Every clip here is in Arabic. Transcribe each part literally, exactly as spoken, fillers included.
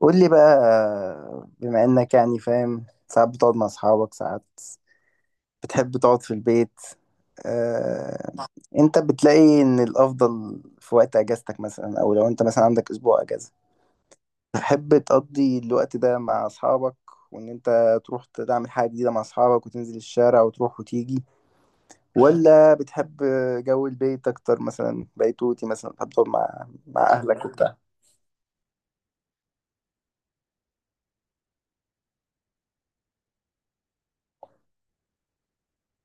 قول لي بقى. بما انك يعني فاهم، ساعات بتقعد مع اصحابك، ساعات بتحب تقعد في البيت. آه، انت بتلاقي ان الافضل في وقت اجازتك مثلا، او لو انت مثلا عندك اسبوع اجازة تحب تقضي الوقت ده مع اصحابك، وان انت تروح تعمل حاجة جديدة مع اصحابك وتنزل الشارع وتروح وتيجي، ولا بتحب جو البيت اكتر؟ مثلا بيتوتي، مثلا بتحب تقعد مع مع اهلك وبتاع.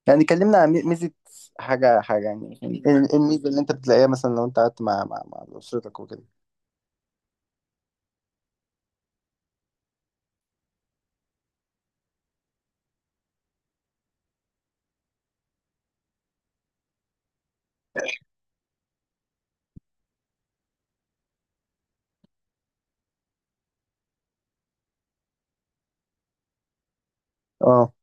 يعني كلمنا عن ميزة، حاجة حاجة يعني ايه إيه الميزة اللي انت بتلاقيها مثلا لو انت قعدت مع مع, مع أسرتك وكده؟ اه،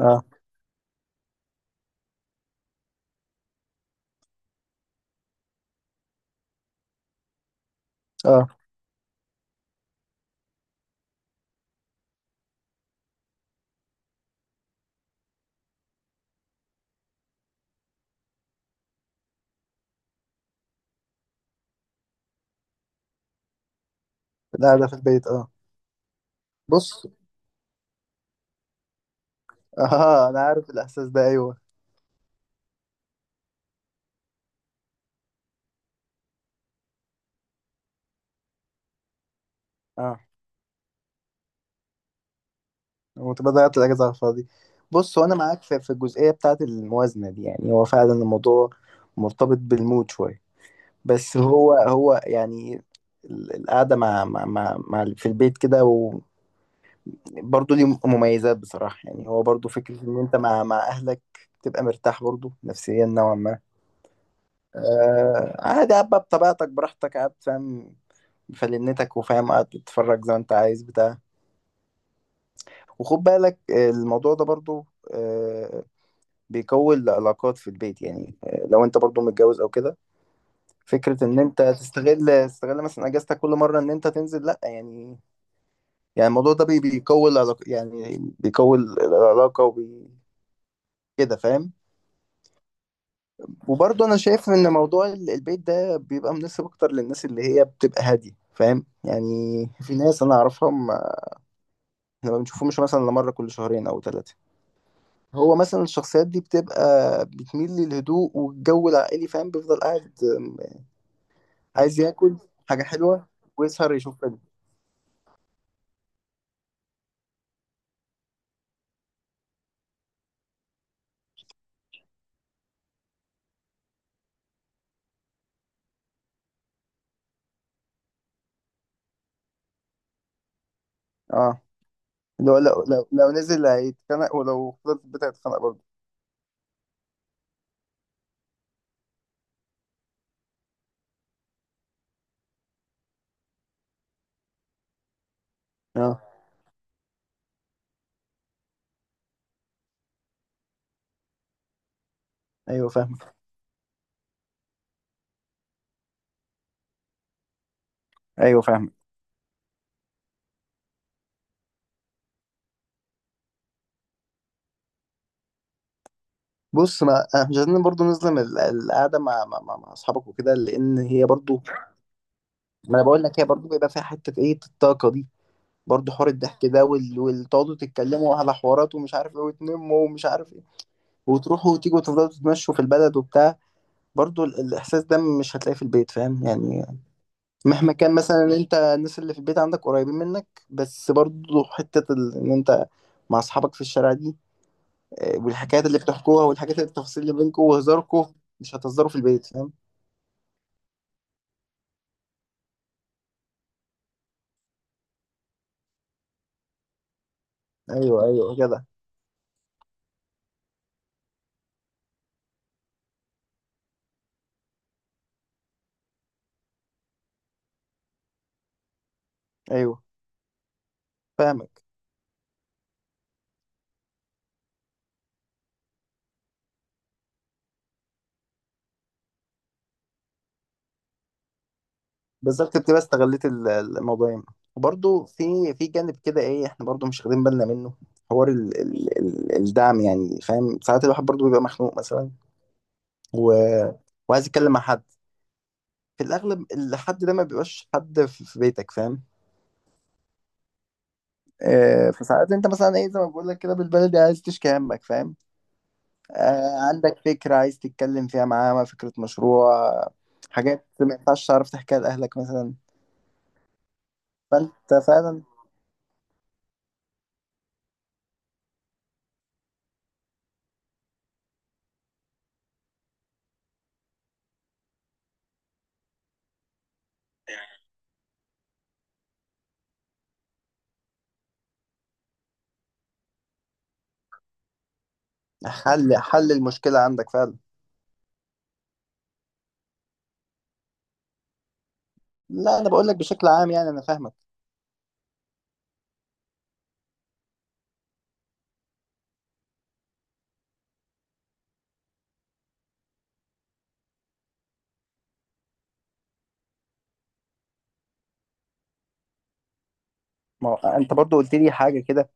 اه، اه. لا، ده في البيت اه. بص. اه، انا عارف الإحساس ده، ايوه. اه، وتبقى ضيعت الأجازة على الفاضي. بص، وانا معاك في, في الجزئية بتاعة الموازنة دي. يعني هو فعلا الموضوع مرتبط بالمود شوية. بس هو هو يعني ال- القعدة مع مع مع, مع في البيت كده، برضه ليه مميزات بصراحة. يعني هو برضه فكرة إن أنت مع مع أهلك تبقى مرتاح برضه نفسيا نوعا ما. آه، عادي قاعد بقى بطبيعتك براحتك، قاعد فاهم، بفلنتك وفاهم، قاعد تتفرج زي ما أنت عايز بتاع. وخد بالك، آه، الموضوع ده برضه آه بيكون العلاقات في البيت، يعني آه لو أنت برضه متجوز أو كده، فكرة إن أنت تستغل تستغل مثلا أجازتك كل مرة إن أنت تنزل، لأ يعني. يعني الموضوع ده بي- بيقوي العلاقة، يعني بيقوي العلاقة وبي، كده فاهم. وبرضه انا شايف ان موضوع ال- البيت ده بيبقى مناسب اكتر للناس اللي هي بتبقى هاديه، فاهم يعني؟ في ناس انا اعرفها، ما احنا ما بنشوفهمش مثلا الا مره كل شهرين او ثلاثه. هو مثلا الشخصيات دي بتبقى بتميل للهدوء والجو العائلي، فاهم، بيفضل قاعد، أم، عايز ياكل حاجه حلوه ويسهر يشوف فيلم. اه، لو لو لو, لو نزل هيتخنق، ولو فضل في البيت هيتخنق برضه. اه، ايوه فاهم. ايوه فاهم. بص، ما آه، مش عايزين برضه نظلم ال- القعده مع مع مع مع اصحابك وكده، لان هي برضه. ما انا بقول لك هي برضو بيبقى فيها حته ايه، الطاقه دي، برضو حوار الضحك ده وال... وتقعدوا تتكلموا على حوارات ومش عارف ايه، وتنموا ومش عارف ايه، وتروحوا وتيجوا وتفضلوا تتمشوا في البلد وبتاع. برضو ال- الاحساس ده مش هتلاقيه في البيت، فاهم يعني؟ مهما كان مثلا انت الناس اللي في البيت عندك قريبين منك، بس برضو حته ال... ان انت مع اصحابك في الشارع دي، آه، والحكايات اللي بتحكوها والحاجات اللي، التفاصيل اللي بينكم وهزاركم، مش هتهزروا في البيت، فاهم. ايوه، ايوه كده. ايوه فاهمك. بالظبط، بتبقى استغليت ال- الموضوعين. وبرضه في في جانب كده ايه، احنا برضه مش واخدين بالنا منه، حوار ال ال ال الدعم يعني، فاهم؟ ساعات الواحد برضه بيبقى مخنوق مثلا، و... وعايز يتكلم مع حد. في الاغلب الحد ده ما بيبقاش حد في في بيتك، فاهم. آه فساعات انت مثلا ايه، زي ما بقول لك كده بالبلدي، عايز تشكي همك فاهم. آه عندك فكره عايز تتكلم فيها معاه، فكره مشروع، حاجات ما ينفعش تعرف تحكيها لاهلك مثلا. فانت فعلا، حل حل المشكله عندك فعلا. لا، انا بقول لك بشكل عام، يعني انا فاهمك. ما هو انت برضو قلت لي حاجه كده،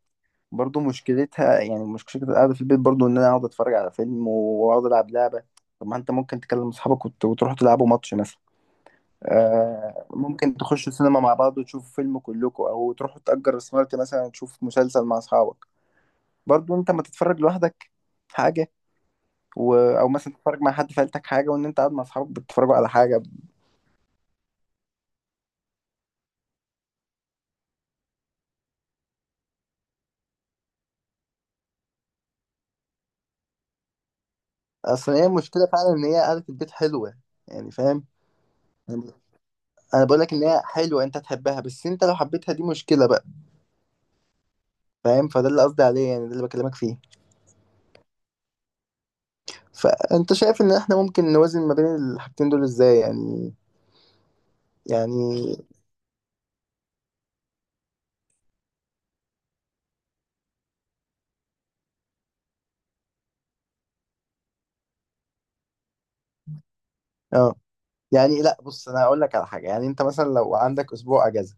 برضو مشكلتها يعني مشكله القعده في البيت، برضو ان انا اقعد اتفرج على فيلم، واقعد العب لعبه. طب ما انت ممكن تكلم اصحابك وت- وتروحوا تلعبوا ماتش مثلا. آه ممكن تخشوا السينما مع بعض وتشوفوا فيلم كلكم، او تروحوا تأجر سمارت مثلا تشوف مسلسل مع اصحابك. برضو انت ما تتفرج لوحدك حاجه، و... او مثلا تتفرج مع حد في عيلتك حاجه، وان انت قاعد مع اصحابك بتتفرجوا على حاجه. اصل هي المشكله فعلا ان هي قعده البيت حلوه، يعني فاهم. انا بقول لك ان هي حلوه انت تحبها، بس انت لو حبيتها دي مشكله بقى، فاهم. فده اللي قصدي عليه، يعني ده اللي بكلمك فيه. فانت شايف ان احنا ممكن نوازن ما بين الحاجتين دول ازاي يعني؟ يعني اه يعني، لا بص، انا هقول لك على حاجه. يعني انت مثلا لو عندك اسبوع اجازه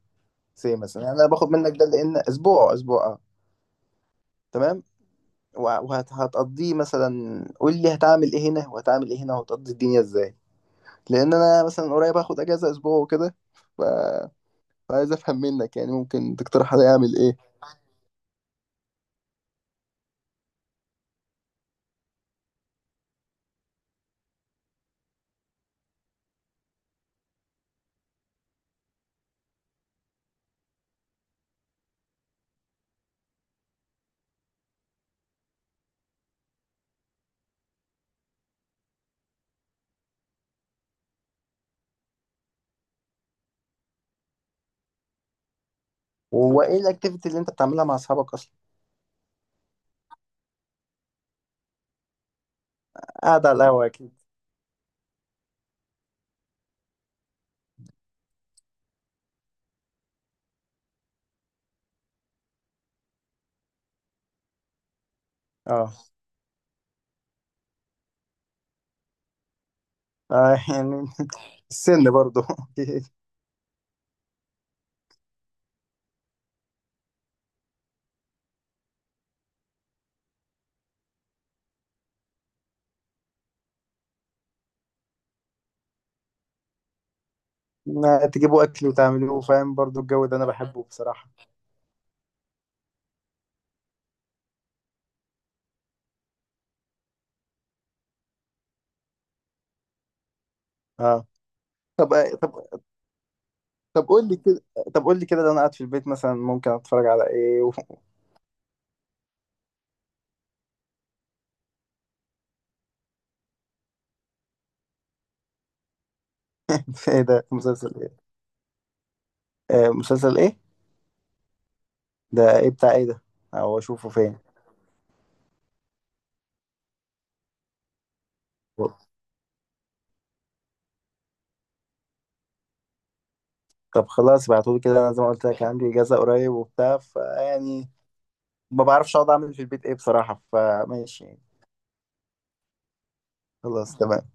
سي مثلا، يعني انا باخد منك ده، لان اسبوع اسبوع اه تمام. وهتقضيه مثلا، قول لي هتعمل ايه هنا وهتعمل ايه هنا، وهتقضي الدنيا ازاي. لان انا مثلا قريب هاخد اجازه اسبوع وكده، ف... فعايز افهم منك. يعني ممكن تقترح عليا اعمل ايه. وهو ايه الاكتيفيتي اللي انت بتعملها مع اصحابك اصلا؟ قاعد على القهوه اكيد؟ اه. آه، يعني السن برضو. ما تجيبوا اكل وتعملوه، فاهم، برضو الجو ده انا بحبه بصراحه. اه. طب طب طب قول لي كده طب قول لي كده. ده انا قاعد في البيت مثلا، ممكن اتفرج على ايه و... ايه ده، مسلسل ايه؟ آه، مسلسل ايه؟ ده ايه، بتاع ايه ده، او اشوفه فين؟ طب خلاص ابعتولي كده، انا زي ما قلت لك عندي اجازه قريب وبتاع، فيعني ما بعرفش اقعد اعمل في البيت ايه بصراحه، فماشي يعني. خلاص، تمام.